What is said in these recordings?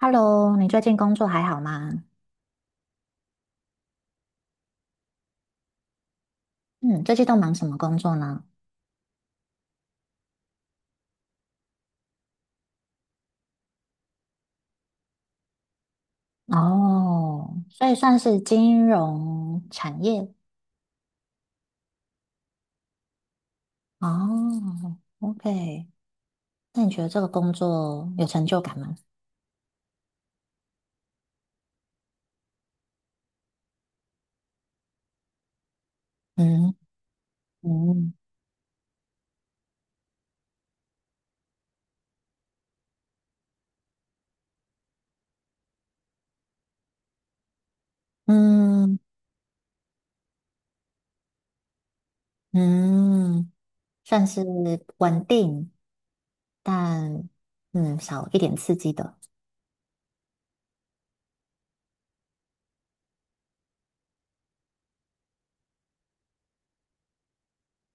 Hello，你最近工作还好吗？嗯，最近都忙什么工作呢？哦，所以算是金融产业。哦，OK，那你觉得这个工作有成就感吗？嗯嗯嗯嗯，算是稳定，但少一点刺激的。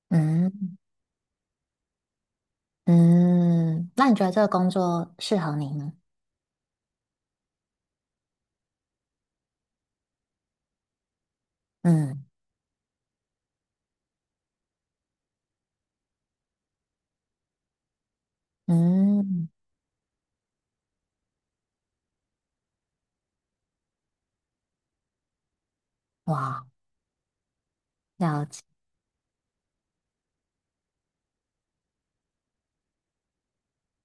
嗯嗯，那你觉得这个工作适合你吗？嗯嗯，哇。了解。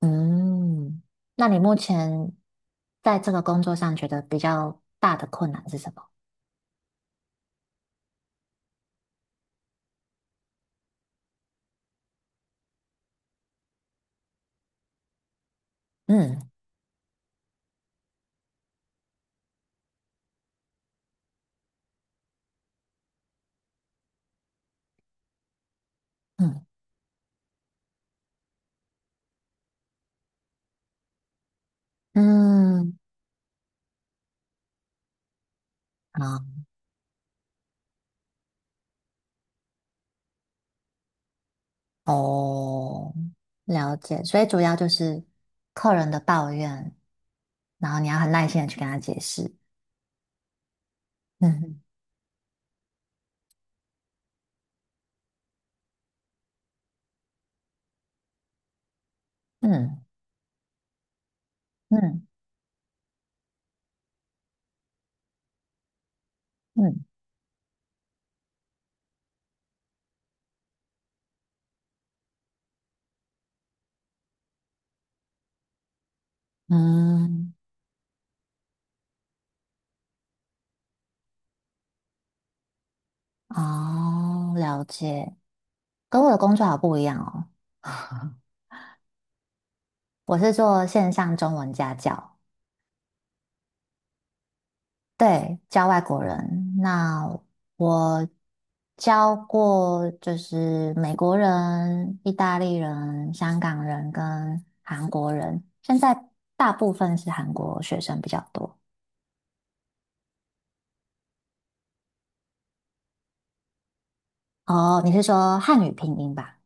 嗯，那你目前在这个工作上觉得比较大的困难是什么？嗯嗯嗯，啊哦，了解。所以主要就是客人的抱怨，然后你要很耐心的去跟他解释。嗯嗯嗯嗯嗯，哦，了解。跟我的工作好不一样哦，我是做线上中文家教。对，教外国人。那我教过就是美国人、意大利人、香港人跟韩国人，现在大部分是韩国学生比较多。哦，你是说汉语拼音吧？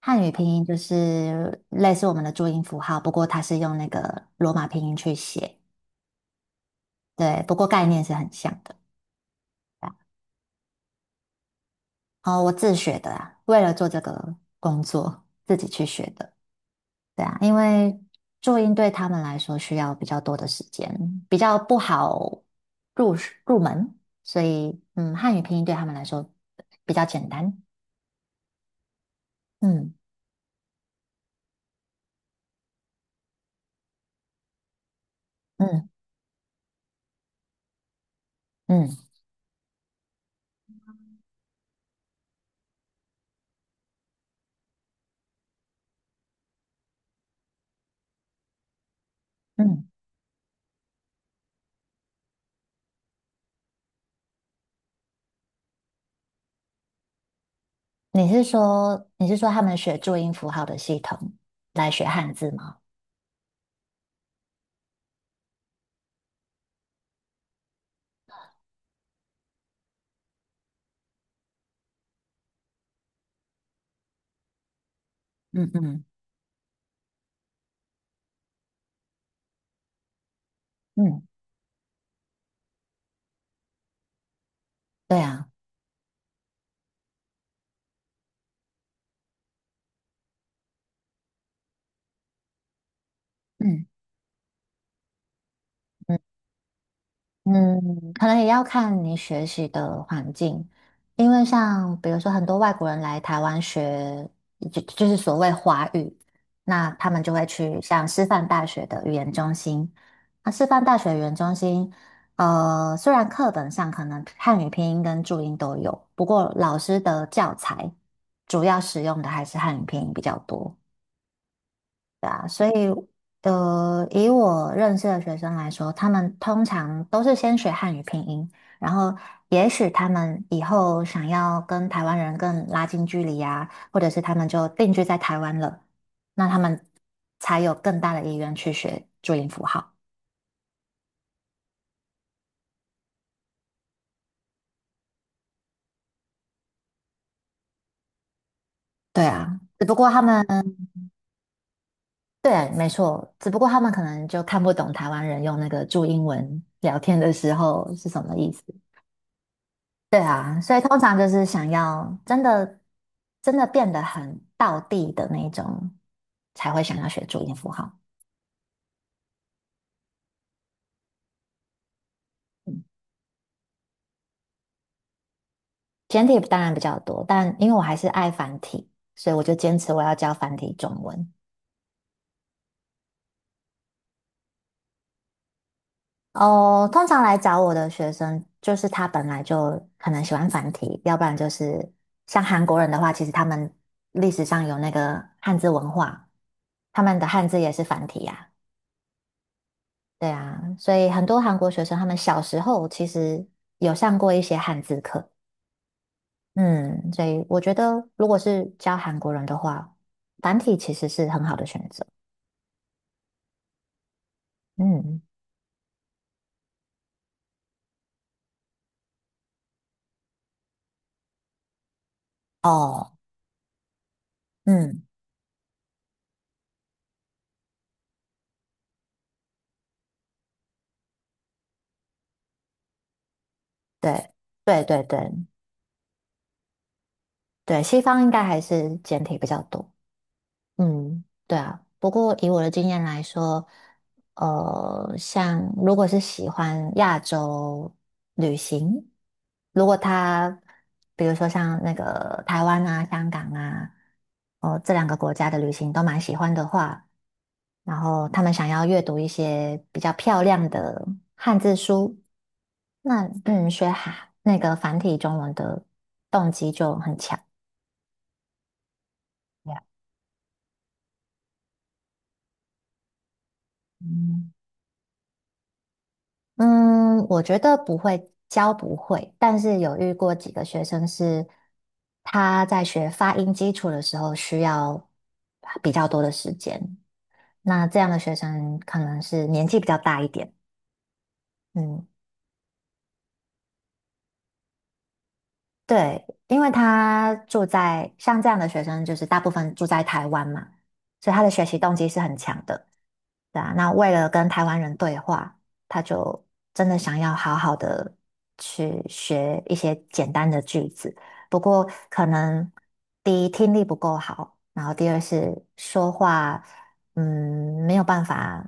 汉语拼音就是类似我们的注音符号，不过它是用那个罗马拼音去写。对，不过概念是很像的。哦，我自学的啦，为了做这个工作自己去学的。对啊，因为注音对他们来说需要比较多的时间，比较不好入入门，所以汉语拼音对他们来说比较简单。嗯嗯嗯嗯，你是说他们学注音符号的系统来学汉字吗？嗯嗯嗯，对啊，嗯嗯。嗯，可能也要看你学习的环境，因为像比如说很多外国人来台湾学，就是所谓华语，那他们就会去像师范大学的语言中心。那师范大学语言中心，虽然课本上可能汉语拼音跟注音都有，不过老师的教材主要使用的还是汉语拼音比较多。对啊，所以以我认识的学生来说，他们通常都是先学汉语拼音，然后也许他们以后想要跟台湾人更拉近距离啊，或者是他们就定居在台湾了，那他们才有更大的意愿去学注音符号。对啊，只不过他们，对，没错，只不过他们可能就看不懂台湾人用那个注音文聊天的时候是什么意思。对啊，所以通常就是想要真的真的变得很道地的那种，才会想要学注音符号。嗯，简体当然比较多，但因为我还是爱繁体，所以我就坚持我要教繁体中文。哦，通常来找我的学生，就是他本来就可能喜欢繁体，要不然就是像韩国人的话，其实他们历史上有那个汉字文化，他们的汉字也是繁体呀、对啊，所以很多韩国学生他们小时候其实有上过一些汉字课，嗯，所以我觉得如果是教韩国人的话，繁体其实是很好的选择，嗯，哦，嗯，对，对对对对，西方应该还是简体比较多，嗯，对啊。不过以我的经验来说，像如果是喜欢亚洲旅行，如果他比如说像那个台湾啊、香港啊，哦这两个国家的旅行都蛮喜欢的话，然后他们想要阅读一些比较漂亮的汉字书，那学那个繁体中文的动机就很强。y e 嗯。嗯，我觉得不会，教不会，但是有遇过几个学生是他在学发音基础的时候需要比较多的时间，那这样的学生可能是年纪比较大一点，嗯。对，因为他住在像这样的学生，就是大部分住在台湾嘛，所以他的学习动机是很强的。对啊，那为了跟台湾人对话，他就真的想要好好的去学一些简单的句子。不过可能第一听力不够好，然后第二是说话，没有办法，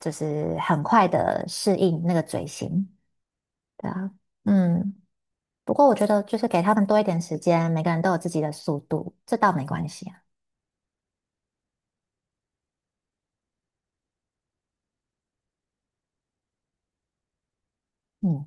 就是很快的适应那个嘴型。对啊，嗯。不过我觉得就是给他们多一点时间，每个人都有自己的速度，这倒没关系啊。嗯，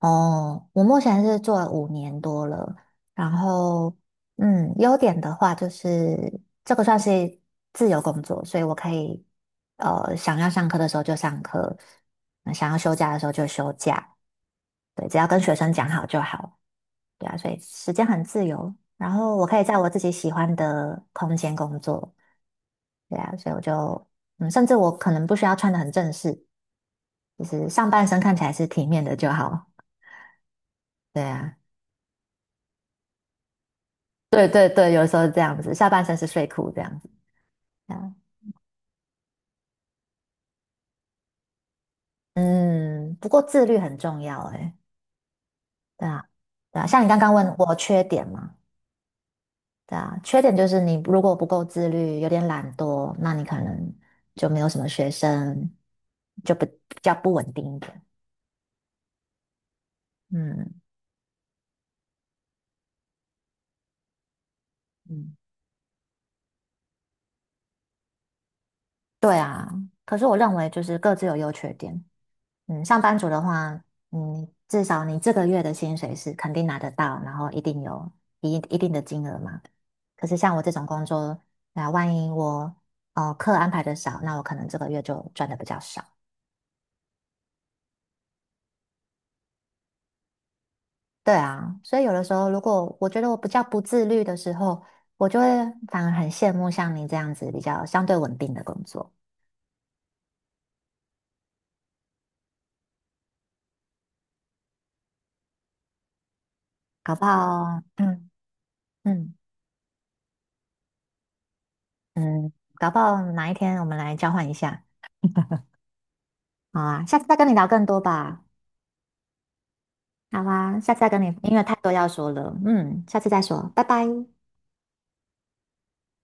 哦，我目前是做了5年多了，然后优点的话就是这个算是自由工作，所以我可以想要上课的时候就上课，那想要休假的时候就休假，对，只要跟学生讲好就好，对啊，所以时间很自由，然后我可以在我自己喜欢的空间工作。对啊，所以我就，甚至我可能不需要穿的很正式，就是上半身看起来是体面的就好。对啊，对对对，有时候是这样子，下半身是睡裤这样子。对啊，嗯，不过自律很重要诶。对啊，对啊，像你刚刚问我缺点嘛，对啊，缺点就是你如果不够自律，有点懒惰，那你可能就没有什么学生，就不比较不稳定一点。嗯嗯，对啊。可是我认为就是各自有优缺点，嗯，上班族的话，嗯，至少你这个月的薪水是肯定拿得到，然后一定有一定的金额嘛。可是像我这种工作，那万一我哦课安排的少，那我可能这个月就赚的比较少。对啊，所以有的时候，如果我觉得我比较不自律的时候，我就会反而很羡慕像你这样子比较相对稳定的工作，搞不好，嗯嗯嗯，搞不好哪一天我们来交换一下，好啊，下次再跟你聊更多吧。好啊，下次再跟你，因为太多要说了，下次再说，拜拜。